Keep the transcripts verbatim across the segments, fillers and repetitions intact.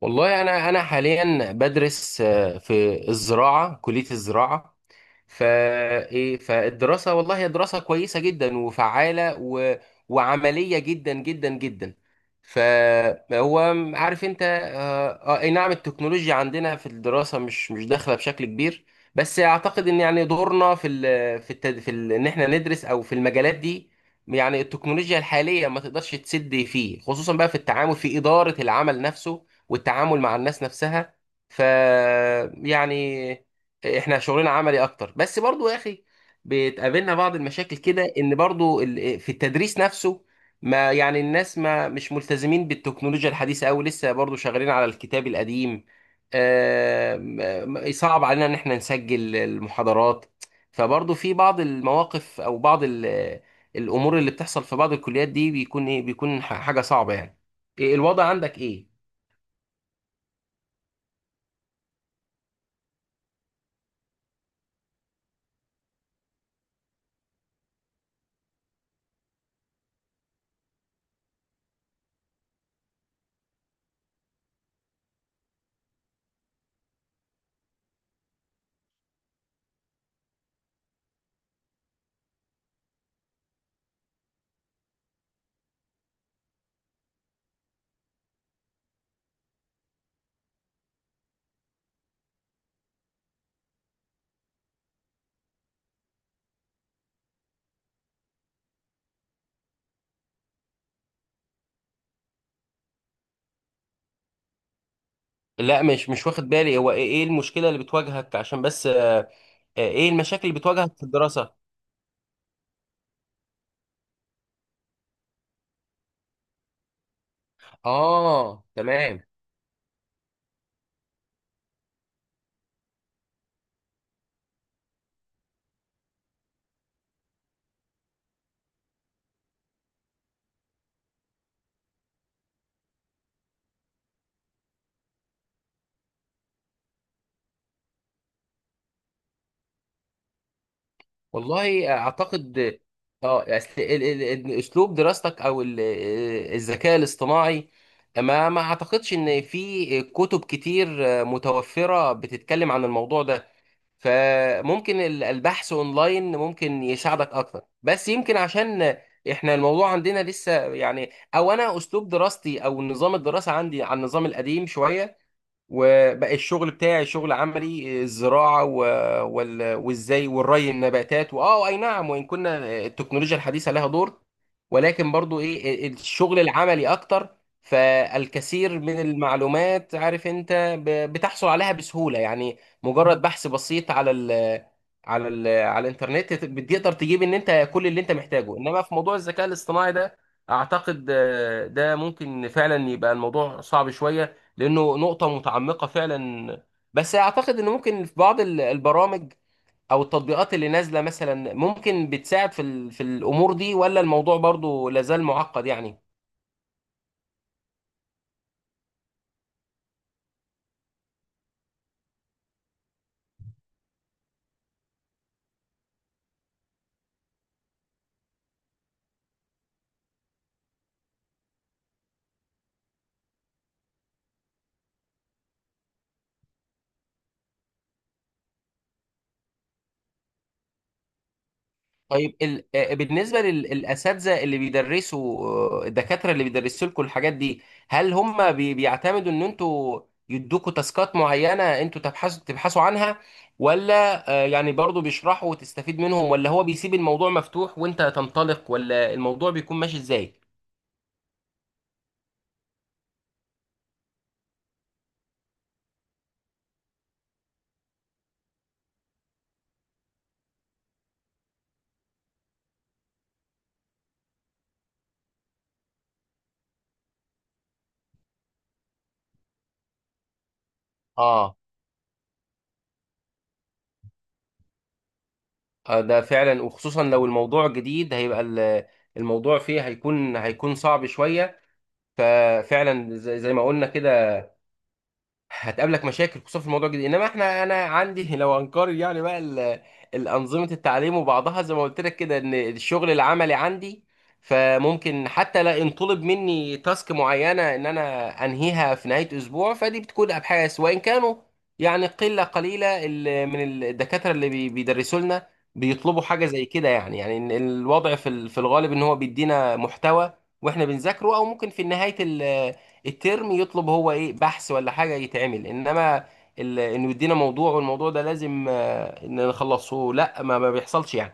والله انا انا حاليا بدرس آه، في الزراعه، كليه الزراعه. فايه فالدراسه والله هي دراسه كويسه جدا وفعاله و... وعمليه جدا جدا جدا. فهو، عارف انت. اه آه، اي نعم، التكنولوجيا عندنا في الدراسه مش مش داخله بشكل كبير، بس اعتقد ان يعني دورنا في ال... في التد... في ال... ان احنا ندرس او في المجالات دي، يعني التكنولوجيا الحاليه ما تقدرش تسد فيه، خصوصا بقى في التعامل، في اداره العمل نفسه والتعامل مع الناس نفسها. ف يعني احنا شغلنا عملي اكتر، بس برضو يا اخي بتقابلنا بعض المشاكل كده، ان برضو ال- في التدريس نفسه ما يعني الناس ما مش ملتزمين بالتكنولوجيا الحديثة أوي، لسه برضو شغالين على الكتاب القديم. آم، آم، صعب علينا ان احنا نسجل المحاضرات. فبرضو في بعض المواقف او بعض ال- الامور اللي بتحصل في بعض الكليات دي بيكون ايه بيكون ح- حاجة صعبة يعني. إيه الوضع عندك، ايه؟ لا، مش مش واخد بالي. هو ايه إيه المشكلة اللي بتواجهك؟ عشان بس آه، ايه المشاكل اللي بتواجهك في الدراسه؟ اه تمام. والله اعتقد، اه، أصل ال- ال- ال- اسلوب دراستك، او ال- آه، الذكاء الاصطناعي، ما ما اعتقدش ان في كتب كتير آه، متوفرة بتتكلم عن الموضوع ده، فممكن ال- البحث اونلاين ممكن يساعدك اكتر. بس يمكن عشان احنا الموضوع عندنا لسه يعني، او انا اسلوب دراستي او نظام الدراسة عندي عن النظام القديم شوية، وبقى الشغل بتاعي شغل عملي، الزراعة و... وال... وازاي، والري، النباتات، واه اي نعم. وان كنا التكنولوجيا الحديثة لها دور، ولكن برضو ايه، الشغل العملي اكتر. فالكثير من المعلومات، عارف انت، ب... بتحصل عليها بسهولة يعني، مجرد بحث بسيط على ال... على ال... على الانترنت بتقدر تجيب ان انت كل اللي انت محتاجه. انما في موضوع الذكاء الاصطناعي ده اعتقد آه، ده ممكن فعلا يبقى الموضوع صعب شوية، لانه نقطه متعمقه فعلا. بس اعتقد ان ممكن في بعض ال- البرامج او التطبيقات اللي نازله مثلا ممكن بتساعد في ال- في الامور دي، ولا الموضوع برضو لازال معقد يعني؟ طيب، ال- آه، بالنسبه للاساتذه اللي بيدرسوا، آه، الدكاتره اللي بيدرسوا لكم الحاجات دي، هل هم بي- بيعتمدوا ان انتوا يدوكوا تاسكات معينه انتوا تبحثوا تبحثوا عنها، ولا آه، يعني برضو بيشرحوا وتستفيد منهم، ولا هو بيسيب الموضوع مفتوح وانت تنطلق؟ ولا الموضوع بيكون ماشي ازاي؟ اه آه، ده فعلا، وخصوصا لو الموضوع جديد هيبقى ال- الموضوع فيه هيكون هيكون صعب شوية. ففعلا زي زي ما قلنا كده، هتقابلك مشاكل خصوصا في الموضوع الجديد. انما احنا انا عندي لو هنقارن يعني بقى ال- الانظمه التعليم وبعضها، زي ما قلت لك كده، ان الشغل العملي عندي، فممكن حتى لا ينطلب مني تاسك معينه ان انا انهيها في نهايه اسبوع، فدي بتكون ابحاث. وان كانوا يعني قله قليله ال- من الدكاتره اللي بي- بيدرسوا لنا بيطلبوا حاجه زي كده. يعني يعني إن الوضع في ال- في الغالب ان هو بيدينا محتوى واحنا بنذاكره، او ممكن في نهايه الترم يطلب هو ايه، بحث ولا حاجه يتعمل. انما ال- انه يدينا موضوع والموضوع ده لازم آه، ان نخلصه، لا، ما, ما بيحصلش يعني.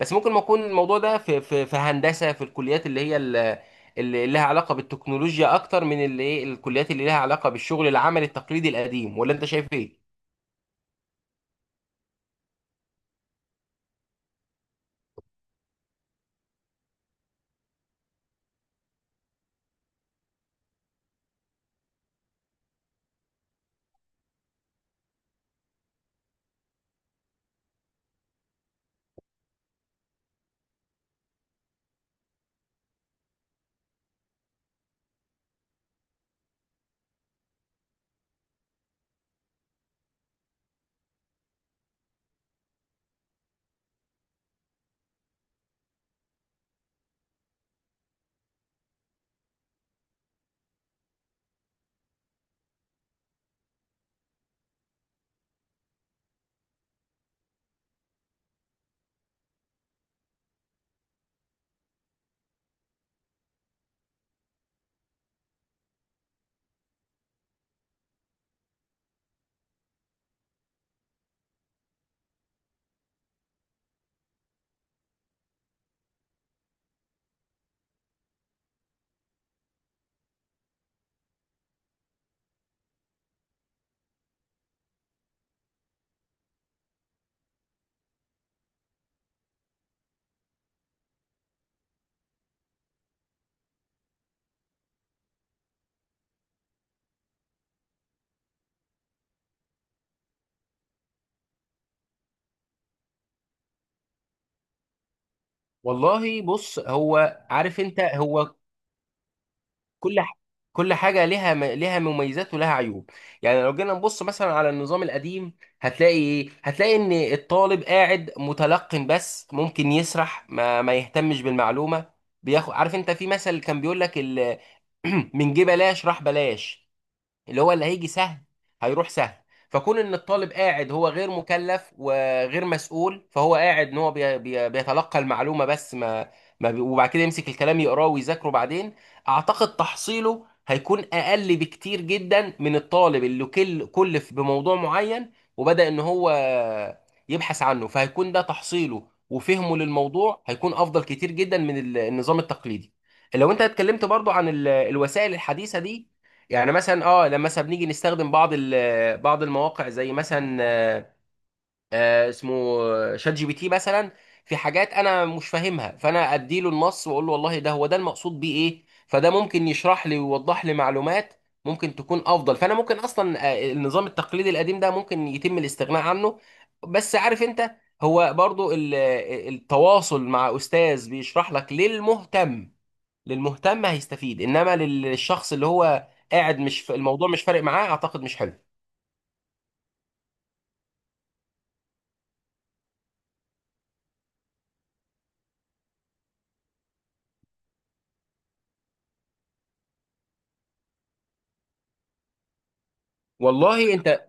بس ممكن ما يكون الموضوع ده في في في هندسه، في الكليات اللي هي ال- اللي لها علاقه بالتكنولوجيا اكتر من اللي ايه، الكليات اللي لها علاقه بالشغل العملي التقليدي القديم، ولا انت شايف ايه؟ والله بص، هو عارف انت هو، كل ح- كل حاجه لها م- لها مميزات ولها عيوب. يعني لو جينا نبص مثلا على النظام القديم، هتلاقي ايه، هتلاقي ان الطالب قاعد متلقن، بس ممكن يسرح ما ما يهتمش بالمعلومه، بياخد عارف انت. في مثل كان بيقول لك ال... من جه بلاش، راح بلاش، اللي هو اللي هيجي سهل هيروح سهل. فكون ان الطالب قاعد هو غير مكلف وغير مسؤول، فهو قاعد ان هو بي بي بيتلقى المعلومه بس ما, ما بي وبعد كده يمسك الكلام يقراه ويذاكره بعدين، اعتقد تحصيله هيكون اقل بكتير جدا من الطالب اللي كل كلف بموضوع معين وبدأ ان هو يبحث عنه، فهيكون ده تحصيله وفهمه للموضوع هيكون افضل كتير جدا من ال- النظام التقليدي. لو انت اتكلمت برضو عن ال- الوسائل الحديثه دي، يعني مثلا اه لما مثلا بنيجي نستخدم بعض ال- بعض المواقع زي مثلا آه، آه، اسمه شات جي بي تي مثلا، في حاجات انا مش فاهمها، فانا اديله النص واقول له والله ده، هو ده المقصود بيه ايه، فده ممكن يشرح لي ويوضح لي معلومات ممكن تكون افضل. فانا ممكن اصلا آه، النظام التقليدي القديم ده ممكن يتم الاستغناء عنه. بس عارف انت، هو برضو ال- آه، التواصل مع استاذ بيشرح لك، للمهتم، للمهتم هيستفيد. انما لل- للشخص اللي هو قاعد مش في الموضوع، مش فارق معاه، اعتقد مش حلو. والله انت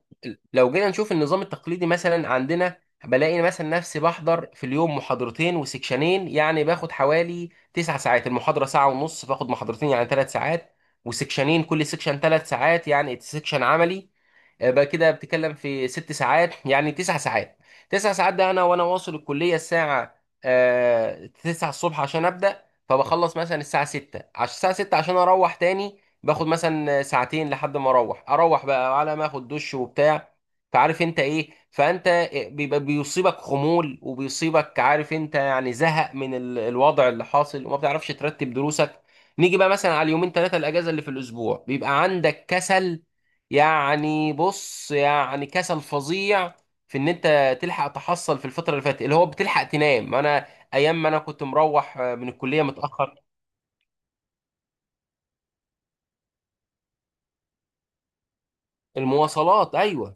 لو جينا نشوف النظام التقليدي مثلا عندنا، بلاقي مثلا نفسي بحضر في اليوم محاضرتين وسكشنين، يعني باخد حوالي تسع ساعات. المحاضرة ساعة ونص، باخد محاضرتين يعني ثلاث ساعات، وسكشنين كل سكشن ثلاث ساعات يعني سكشن عملي، يبقى كده بتتكلم في ست ساعات، يعني تسع ساعات. تسع ساعات ده انا وانا واصل الكليه الساعه آه، تسعة الصبح عشان ابدا، فبخلص مثلا الساعه ستة، عشان الساعه ستة عشان اروح تاني باخد مثلا ساعتين لحد ما اروح، اروح بقى على ما اخد دش وبتاع. فعارف انت ايه، فانت بيبقى بيصيبك خمول، وبيصيبك عارف انت يعني زهق من ال- الوضع اللي حاصل وما بتعرفش ترتب دروسك. نيجي بقى مثلا على اليومين ثلاثه الاجازه اللي في الاسبوع، بيبقى عندك كسل، يعني بص يعني كسل فظيع، في ان انت تلحق تحصل في الفتره اللي فاتت، اللي هو بتلحق تنام. انا ايام ما انا كنت مروح آه، من الكليه متاخر، المواصلات، ايوه.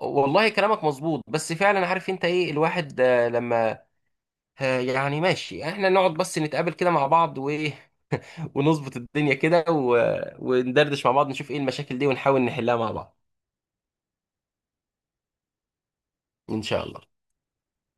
والله كلامك مظبوط، بس فعلا عارف انت ايه، الواحد آه، لما آه، يعني ماشي احنا نقعد بس نتقابل كده مع بعض وايه ونظبط الدنيا كده، و- وندردش مع بعض، نشوف ايه المشاكل دي ونحاول نحلها مع بعض. ان شاء الله.